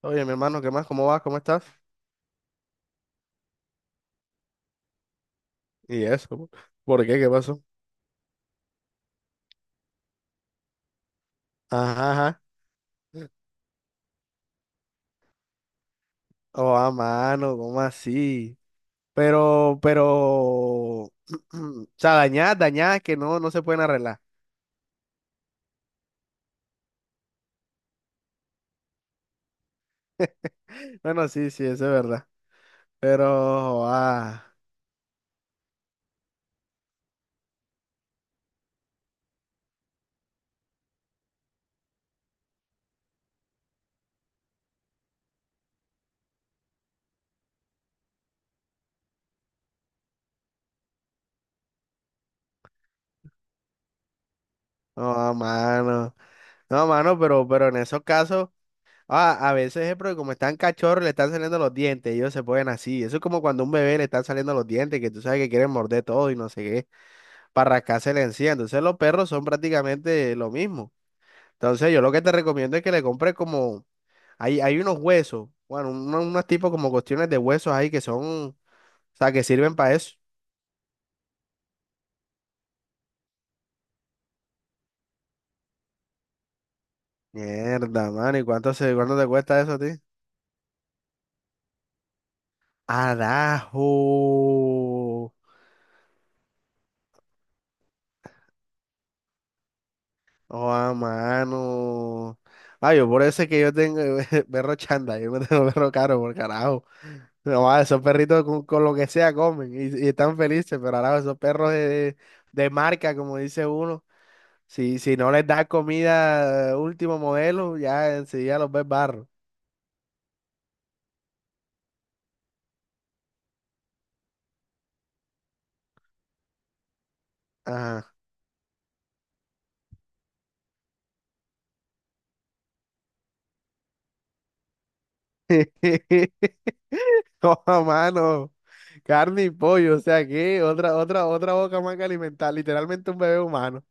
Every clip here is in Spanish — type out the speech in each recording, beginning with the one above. Oye, mi hermano, ¿qué más? ¿Cómo vas? ¿Cómo estás? Y eso, po. ¿Por qué? ¿Qué pasó? Ajá, ajá. Oh, a mano, ¿cómo así? Pero, o sea, dañadas, dañadas que no se pueden arreglar. Bueno, sí, sí, eso es verdad. Pero, oh, ah, no, a mano. No, mano, pero en esos casos, ah, a veces es porque como están cachorros, le están saliendo los dientes, ellos se ponen así. Eso es como cuando a un bebé le están saliendo los dientes, que tú sabes que quieren morder todo y no sé qué para rascársela encía. Entonces los perros son prácticamente lo mismo. Entonces yo lo que te recomiendo es que le compres como, hay unos huesos, bueno, unos tipos como cuestiones de huesos ahí que son, o sea, que sirven para eso. Mierda, mano, ¿y cuánto te cuesta eso a ti? Arajo. Oh, a mano. Ay, yo por eso es que yo tengo perro chanda, yo me tengo perro caro, por carajo. No, ah, esos perritos con lo que sea comen y están felices, pero ahora esos perros de marca, como dice uno, si no les das comida último modelo, ya enseguida los ves barro. Ajá. Toma, mano, carne y pollo, o sea que otra boca más que alimentar, literalmente un bebé humano.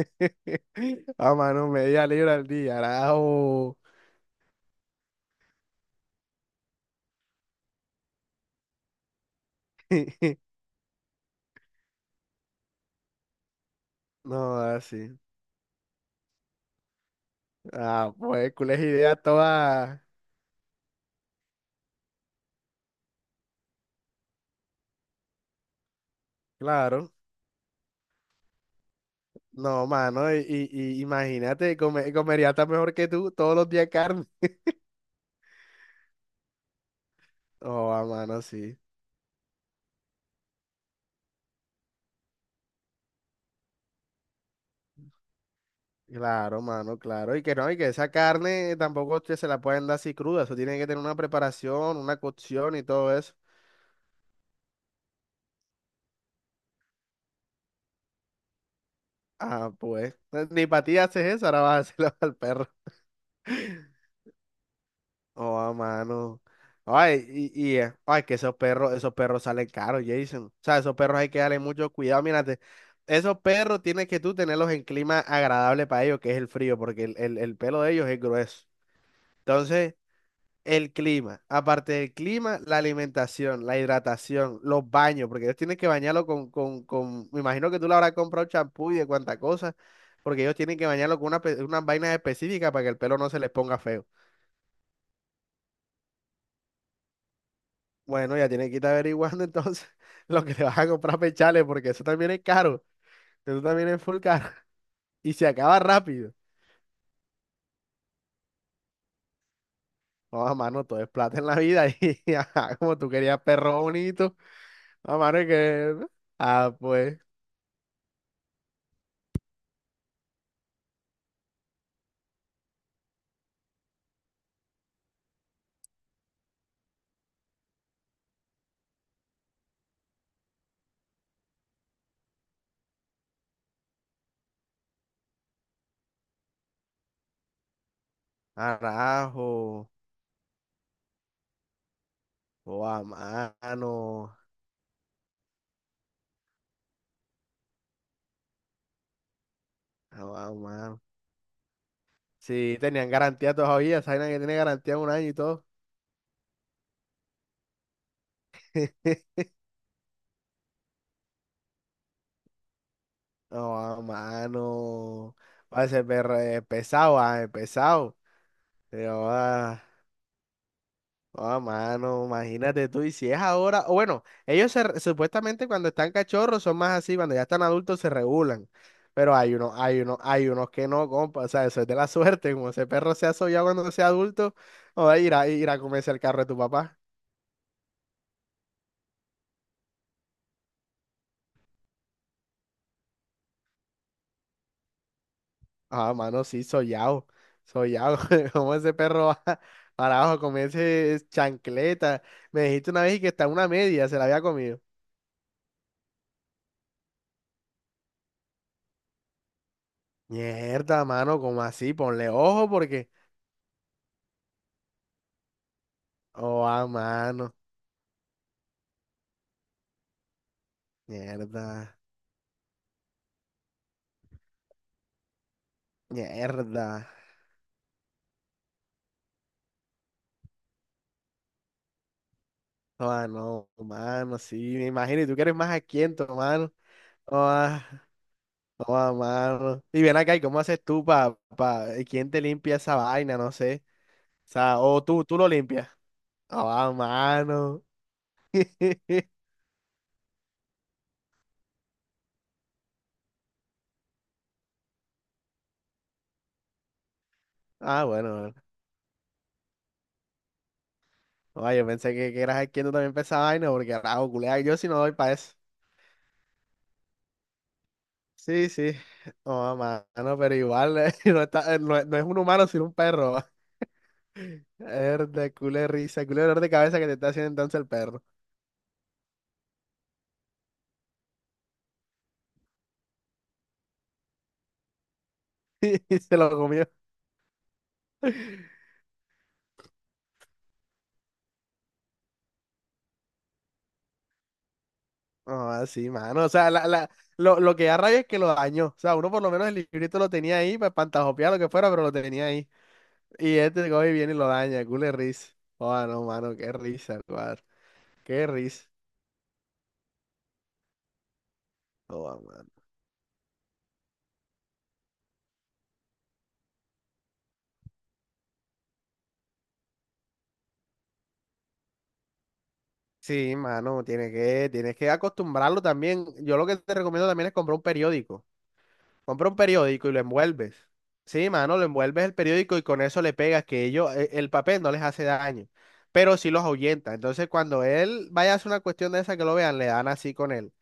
Ah, mano, media libra al día, carajo. No, así. Ah, pues, cules ideas todas, claro. No, mano, y imagínate, comería hasta mejor que tú todos los días carne. Oh, ah, mano, sí. Claro, mano, claro. Y que no, y que esa carne tampoco se la pueden dar así cruda. Eso tiene que tener una preparación, una cocción y todo eso. Ah, pues. Ni para ti haces eso, ahora vas a hacerlo al perro. Oh, a mano. Ay, ay, que esos perros salen caros, Jason. O sea, esos perros hay que darle mucho cuidado. Mírate, esos perros tienes que tú tenerlos en clima agradable para ellos, que es el frío, porque el pelo de ellos es grueso. Entonces, el clima, aparte del clima, la alimentación, la hidratación, los baños, porque ellos tienen que bañarlo me imagino que tú le habrás comprado champú y de cuánta cosa, porque ellos tienen que bañarlo con unas vainas específicas para que el pelo no se les ponga feo. Bueno, ya tienes que ir averiguando entonces lo que te vas a comprar pechales, porque eso también es caro, eso también es full caro, y se acaba rápido. No, mano, todo es plata en la vida, y ajá, como tú querías perro bonito, a mano, es que, ¿no? Ah, pues, arajo, o a mano, a mano. Sí, tenían garantía todavía, saben que tiene garantía de un año y todo. No, a mano, va a ser perro, pesado, pero, ah. Ah, mano, imagínate tú, y si es ahora, o bueno, ellos supuestamente cuando están cachorros son más así, cuando ya están adultos se regulan, pero hay unos que no, compa, o sea, eso es de la suerte, como ese perro sea sollado cuando sea adulto, o va a ir ir a comerse el carro de tu papá. Ah, mano, sí, sollado, sollado, como ese perro va para abajo a comerse chancleta, me dijiste una vez que está una media, se la había comido. Mierda, mano, como así, ponle ojo porque, oh, ah, mano. Mierda, mierda. Joda, no, mano, sí, me imagino. Y tú que eres más aquiento, mano. Joda, joda, mano. Y ven acá, ¿y cómo haces tú quién te limpia esa vaina? No sé. O sea, o tú lo limpias. Joda, mano. Ah, bueno, bueno. Joda, yo pensé que eras aquiento también para esa vaina, porque rajo, culea, yo sí no doy para eso. Sí, sí. Joda, mano, pero igual, no está, no, no es un humano, sino un perro. Herda, culo de risa, culo de dolor de cabeza que te está haciendo entonces el perro. Y se lo comió. Ah, sí, mano. O sea, lo que da rabia es que lo dañó. O sea, uno por lo menos el librito lo tenía ahí para pantajopear lo que fuera, pero lo tenía ahí. Y este coge y viene y lo daña, culo de risa. Oh, no, mano, qué risa, cuadro. Qué risa. Oh, mano. Sí, mano, tienes que acostumbrarlo también. Yo lo que te recomiendo también es comprar un periódico. Compra un periódico y lo envuelves. Sí, mano, lo envuelves el periódico y con eso le pegas que ellos, el papel no les hace daño, pero sí los ahuyenta. Entonces, cuando él vaya a hacer una cuestión de esa que lo vean, le dan así con el,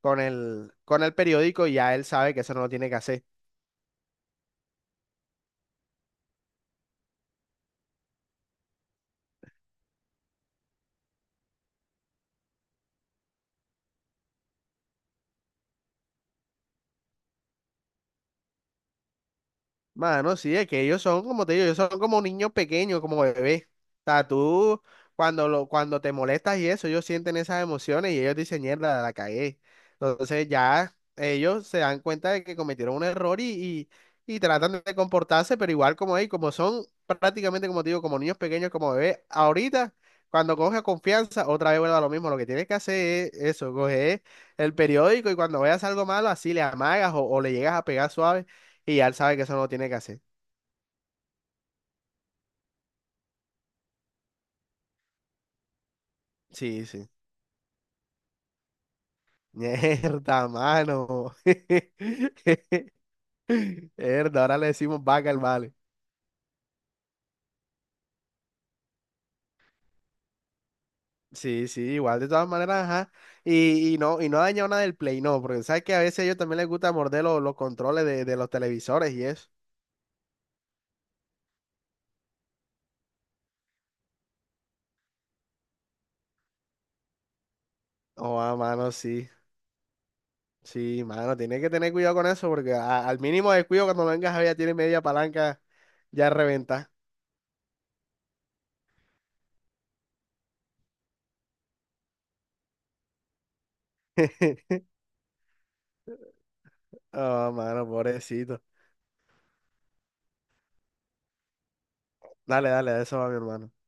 con el, con el periódico y ya él sabe que eso no lo tiene que hacer. Mano, sí, es que ellos son, como te digo, ellos son como niños pequeños, como bebés. O sea, tú, cuando te molestas y eso, ellos sienten esas emociones y ellos dicen, mierda, la cagué. Entonces ya ellos se dan cuenta de que cometieron un error y tratan de comportarse, pero igual como ellos, como son prácticamente, como te digo, como niños pequeños, como bebés, ahorita, cuando coge confianza, otra vez vuelve a lo mismo. Lo que tienes que hacer es eso, coger el periódico y cuando veas algo malo, así le amagas o le llegas a pegar suave y ya él sabe que eso no lo tiene que hacer. Sí, sí. Mierda, mano. Mierda, ahora le decimos vaca al vale. Sí, sí, igual de todas maneras, ajá. Y no ha dañado nada del Play, no, porque sabes que a veces a ellos también les gusta morder los controles de los televisores y eso. Oh, ah, mano, sí. Sí, mano, tienes que tener cuidado con eso, porque al mínimo descuido cuando vengas a ver ya tiene media palanca ya reventa. Oh, mano, pobrecito. Dale, dale, de eso va mi hermano.